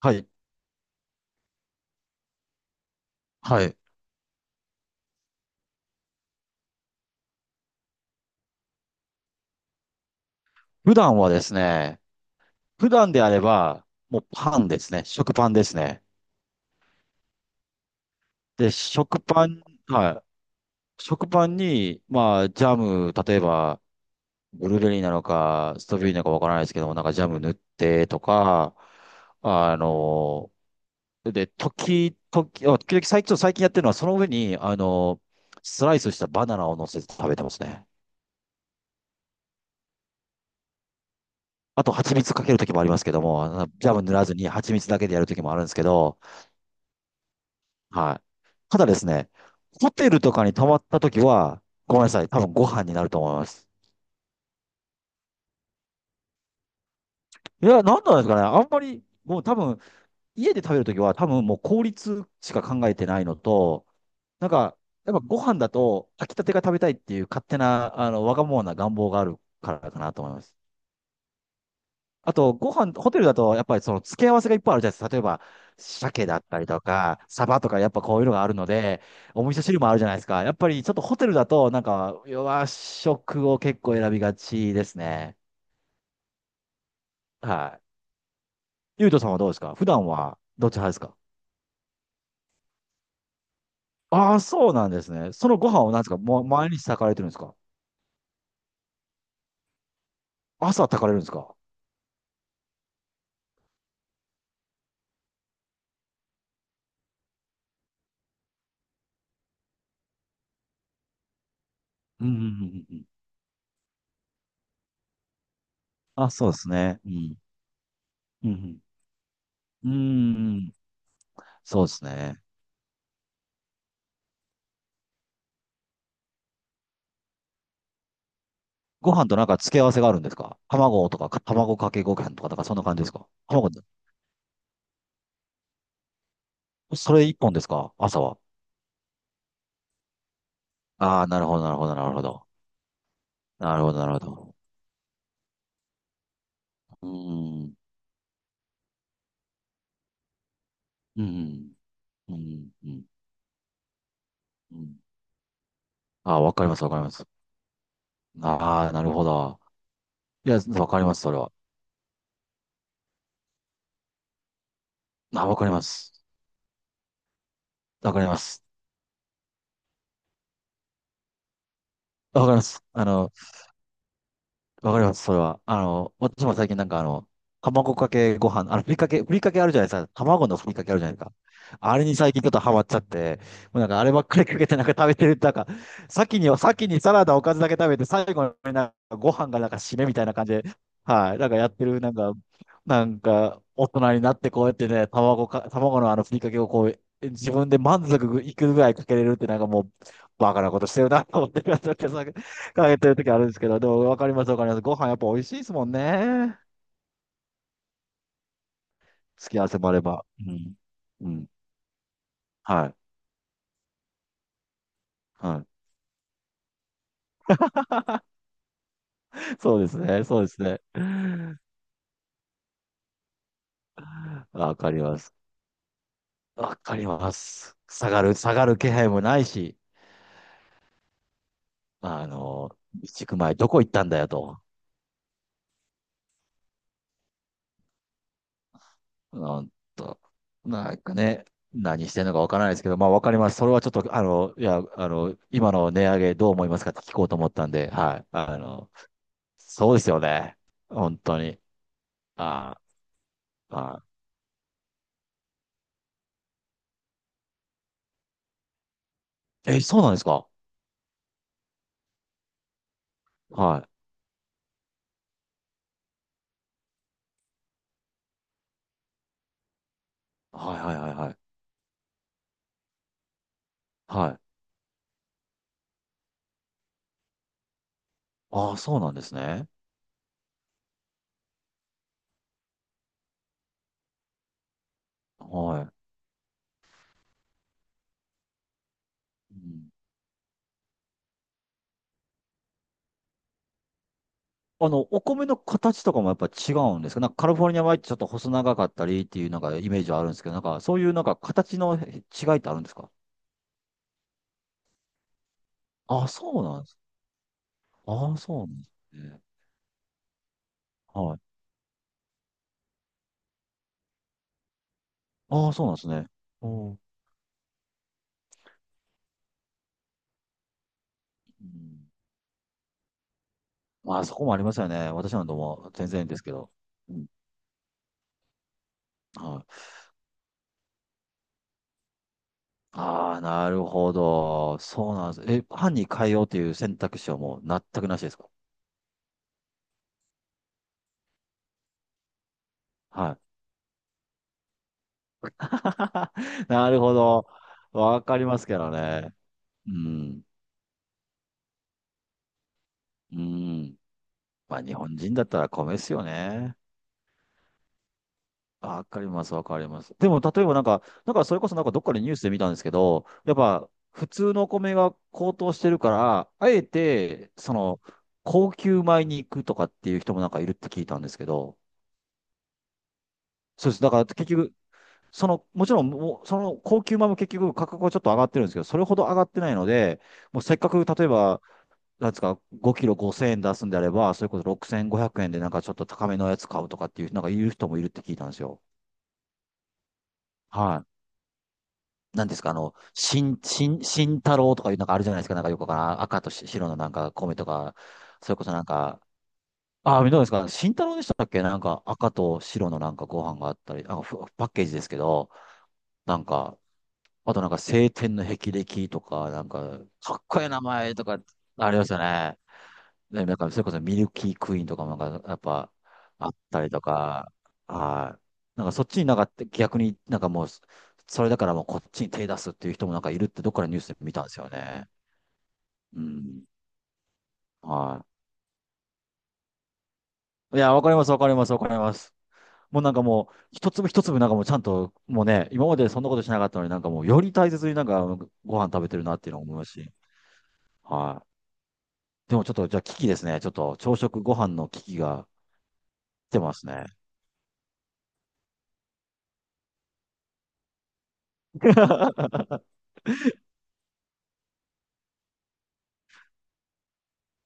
はい。はい。普段はですね、普段であれば、もうパンですね。食パンですね。で、食パン、はい。食パンに、まあ、ジャム、例えば、ブルーベリーなのか、ストロベリーなのかわからないですけども、なんかジャム塗ってとか、あの、で、時々最近、最近やってるのは、その上に、スライスしたバナナを乗せて食べてますね。あと、蜂蜜かけるときもありますけども、あのジャム塗らずに蜂蜜だけでやるときもあるんですけど、はい。ただですね、ホテルとかに泊まったときは、ごめんなさい、多分ご飯になると思います。いや、なんなんですかね、あんまり、もう多分、家で食べるときは、多分もう効率しか考えてないのと、なんか、やっぱご飯だと、炊きたてが食べたいっていう勝手な、わがままな願望があるからかなと思います。あと、ご飯、ホテルだと、やっぱりその付け合わせがいっぱいあるじゃないですか。例えば、鮭だったりとか、サバとか、やっぱこういうのがあるので、お味噌汁もあるじゃないですか。やっぱりちょっとホテルだと、なんか、和食を結構選びがちですね。はい。ゆうとさんはどうですか、普段は、どっち派ですか？ああー、そうなんですね。そのご飯を何ですか、もう毎日炊かれてるんですか？朝炊かれるんですか？うんうんうんうん。あ、そうですね。うん。うんうん。うーん。そうですね。ご飯となんか付け合わせがあるんですか？卵とか、卵かけご飯とか、だからそんな感じですか？卵、それ一本ですか、朝は。ああ、なるほど、なるほど、なるほど。なるほど、なるほど。うーん、うん、うん、うん、うん。ああ、わかります、わかります。ああ、なるほど。いや、わかります、それは。ああ、わかります。わかります。わかります。わかります、それは。あの、私も最近なんかあの、卵かけご飯、あの、ふりかけあるじゃないですか。卵のふりかけあるじゃないですか。あれに最近ちょっとハマっちゃって、もうなんかあればっかりかけてなんか食べてる、なんか、先にサラダおかずだけ食べて、最後になんかご飯がなんか締めみたいな感じで、はい、なんかやってる、なんか、なんか、大人になってこうやってね、卵のあのふりかけをこう、自分で満足いくぐらいかけれるってなんかもう、バカなことしてるなと思ってるんでけど、かけてる時あるんですけど、でもわかりますわかります。ご飯やっぱ美味しいですもんね。付き合わせもあれば。うん。うん。はい。はい。そうですね。そうですね。わかります。わかります。下がる気配もないし、あの、一区前どこ行ったんだよと。なんと、なんかね、何してんのかわからないですけど、まあわかります。それはちょっと、あの、いや、あの、今の値上げどう思いますかって聞こうと思ったんで、はい。あの、そうですよね。本当に。あー、はい。え、そうなんですか？はい。はいはいはいはい。はい。ああ、そうなんですね。はい。うん、あの、お米の形とかもやっぱ違うんですか？なんかカリフォルニア米ってちょっと細長かったりっていうなんかイメージはあるんですけど、なんかそういうなんか形の違いってあるんですか？ああ、そうなんです。ああ、そうなんですね。はい。ああ、そうなんですね。うん。うん。まあ、そこもありますよね。私なんてもう全然ですけど。うん。はい。ああ、なるほど。そうなんです。え、班に変えようという選択肢はもう全くなしですか？はい。なるほど。わかりますけどね。うん。うん。まあ、日本人だったら米ですよね。わかります、わかります。でも、例えばなんか、なんかそれこそなんかどっかでニュースで見たんですけど、やっぱ普通のお米が高騰してるから、あえて、その、高級米に行くとかっていう人もなんかいるって聞いたんですけど、そうです。だから結局、その、もちろん、もうその高級米も結局価格はちょっと上がってるんですけど、それほど上がってないので、もうせっかく例えば、なんですか、5キロ5000円出すんであれば、それこそ6500円でなんかちょっと高めのやつ買うとかっていう、なんか言う人もいるって聞いたんですよ。はい。なんですか、あの、新太郎とかいうなんかあるじゃないですか、なんかよくわからん、赤とし白のなんか米とか、それこそなんか、ああ、どうですか、新太郎でしたっけ、なんか赤と白のなんかご飯があったり、あ、ふパッケージですけど、なんか、あとなんか青天の霹靂とか、なんか、かっこいい名前とか、ありましたね。で、なんか、それこそミルキークイーンとかもなんか、やっぱ、あったりとか、はい。なんかそっちになんか逆になんかもう、それだからもうこっちに手出すっていう人もなんかいるってどっからニュースで見たんですよね。うん。はい。いや、わかります、わかります、わかります。もうなんかもう、一粒一粒なんかもうちゃんと、もうね、今までそんなことしなかったのになんかもう、より大切になんかご飯食べてるなっていうのを思いますし。はい。でもちょっと、じゃあ危機ですね。ちょっと朝食ご飯の危機が来てますね。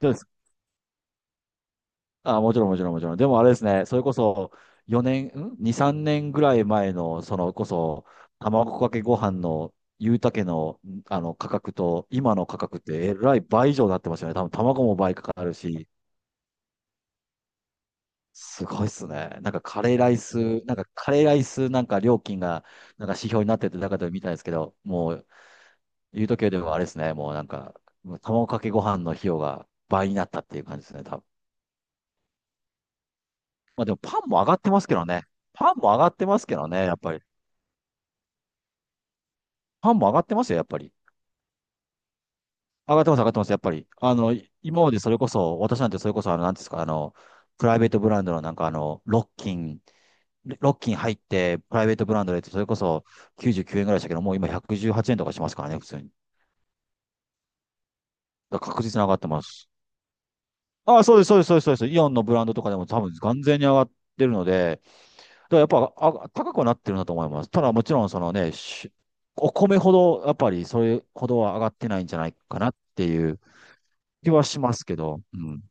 そうです。あ、もちろんもちろんもちろん。でもあれですね、それこそ4年、ん ?2、3年ぐらい前の、そのこそ、卵かけご飯のゆうたけの、あの価格と、今の価格ってえらい倍以上になってますよね。多分卵も倍かかるし、すごいっすね。なんかカレーライス、なんかカレーライスなんか料金が、なんか指標になってて中で見たんですけど、もう言うとでもあれですね、もうなんか、もう卵かけご飯の費用が倍になったっていう感じですね、多分。まあでもパンも上がってますけどね。パンも上がってますけどね、やっぱり。パンも上がってますよ、やっぱり。上がってます、上がってます、やっぱり。あの、い今までそれこそ、私なんてそれこそ、あの、なんていうんですか、あの、プライベートブランドのなんかあの、ロッキン入って、プライベートブランドでそれこそ99円ぐらいでしたけど、もう今118円とかしますからね、普通に。だから確実に上がってます。ああ、そうです、そうです、そうです、そうです。イオンのブランドとかでも多分完全に上がってるので、だらやっぱあ高くはなってるんだと思います。ただもちろんそのね、しお米ほどやっぱりそれほどは上がってないんじゃないかなっていう気はしますけど、うん。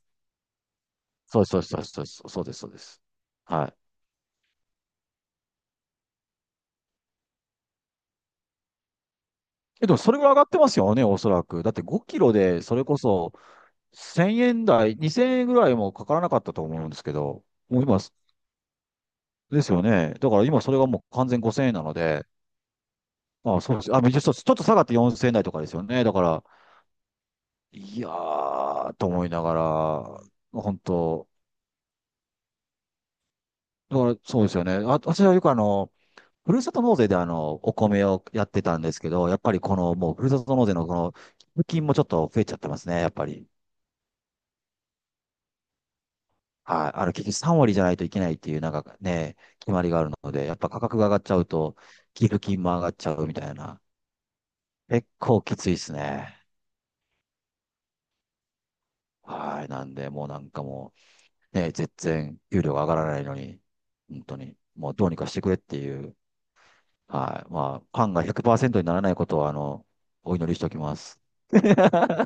そうそうそうそうそうですそうです、そうです。はい。え、でもそれぐらい上がってますよね、おそらく。だって5キロでそれこそ1000円台、2000円ぐらいもかからなかったと思うんですけど、もう今、ですよね。だから今それがもう完全5000円なので、まあ、そうです。あ、ちょっとちょっと下がって4000円台とかですよね。だから、いやー、と思いながら、本当、だからそうですよね。あ、私はよくあの、ふるさと納税であの、お米をやってたんですけど、やっぱりこの、もうふるさと納税のこの、寄付金もちょっと増えちゃってますね、やっぱり。はい。あの、結局3割じゃないといけないっていう、なんかね、決まりがあるので、やっぱ価格が上がっちゃうと、寄付金も上がっちゃうみたいな。結構きついですね。はい。なんで、もうなんかもう、ね、全然、給料が上がらないのに、本当に、もうどうにかしてくれっていう、はい。まあ、パンが100%にならないことは、あの、お祈りしておきます。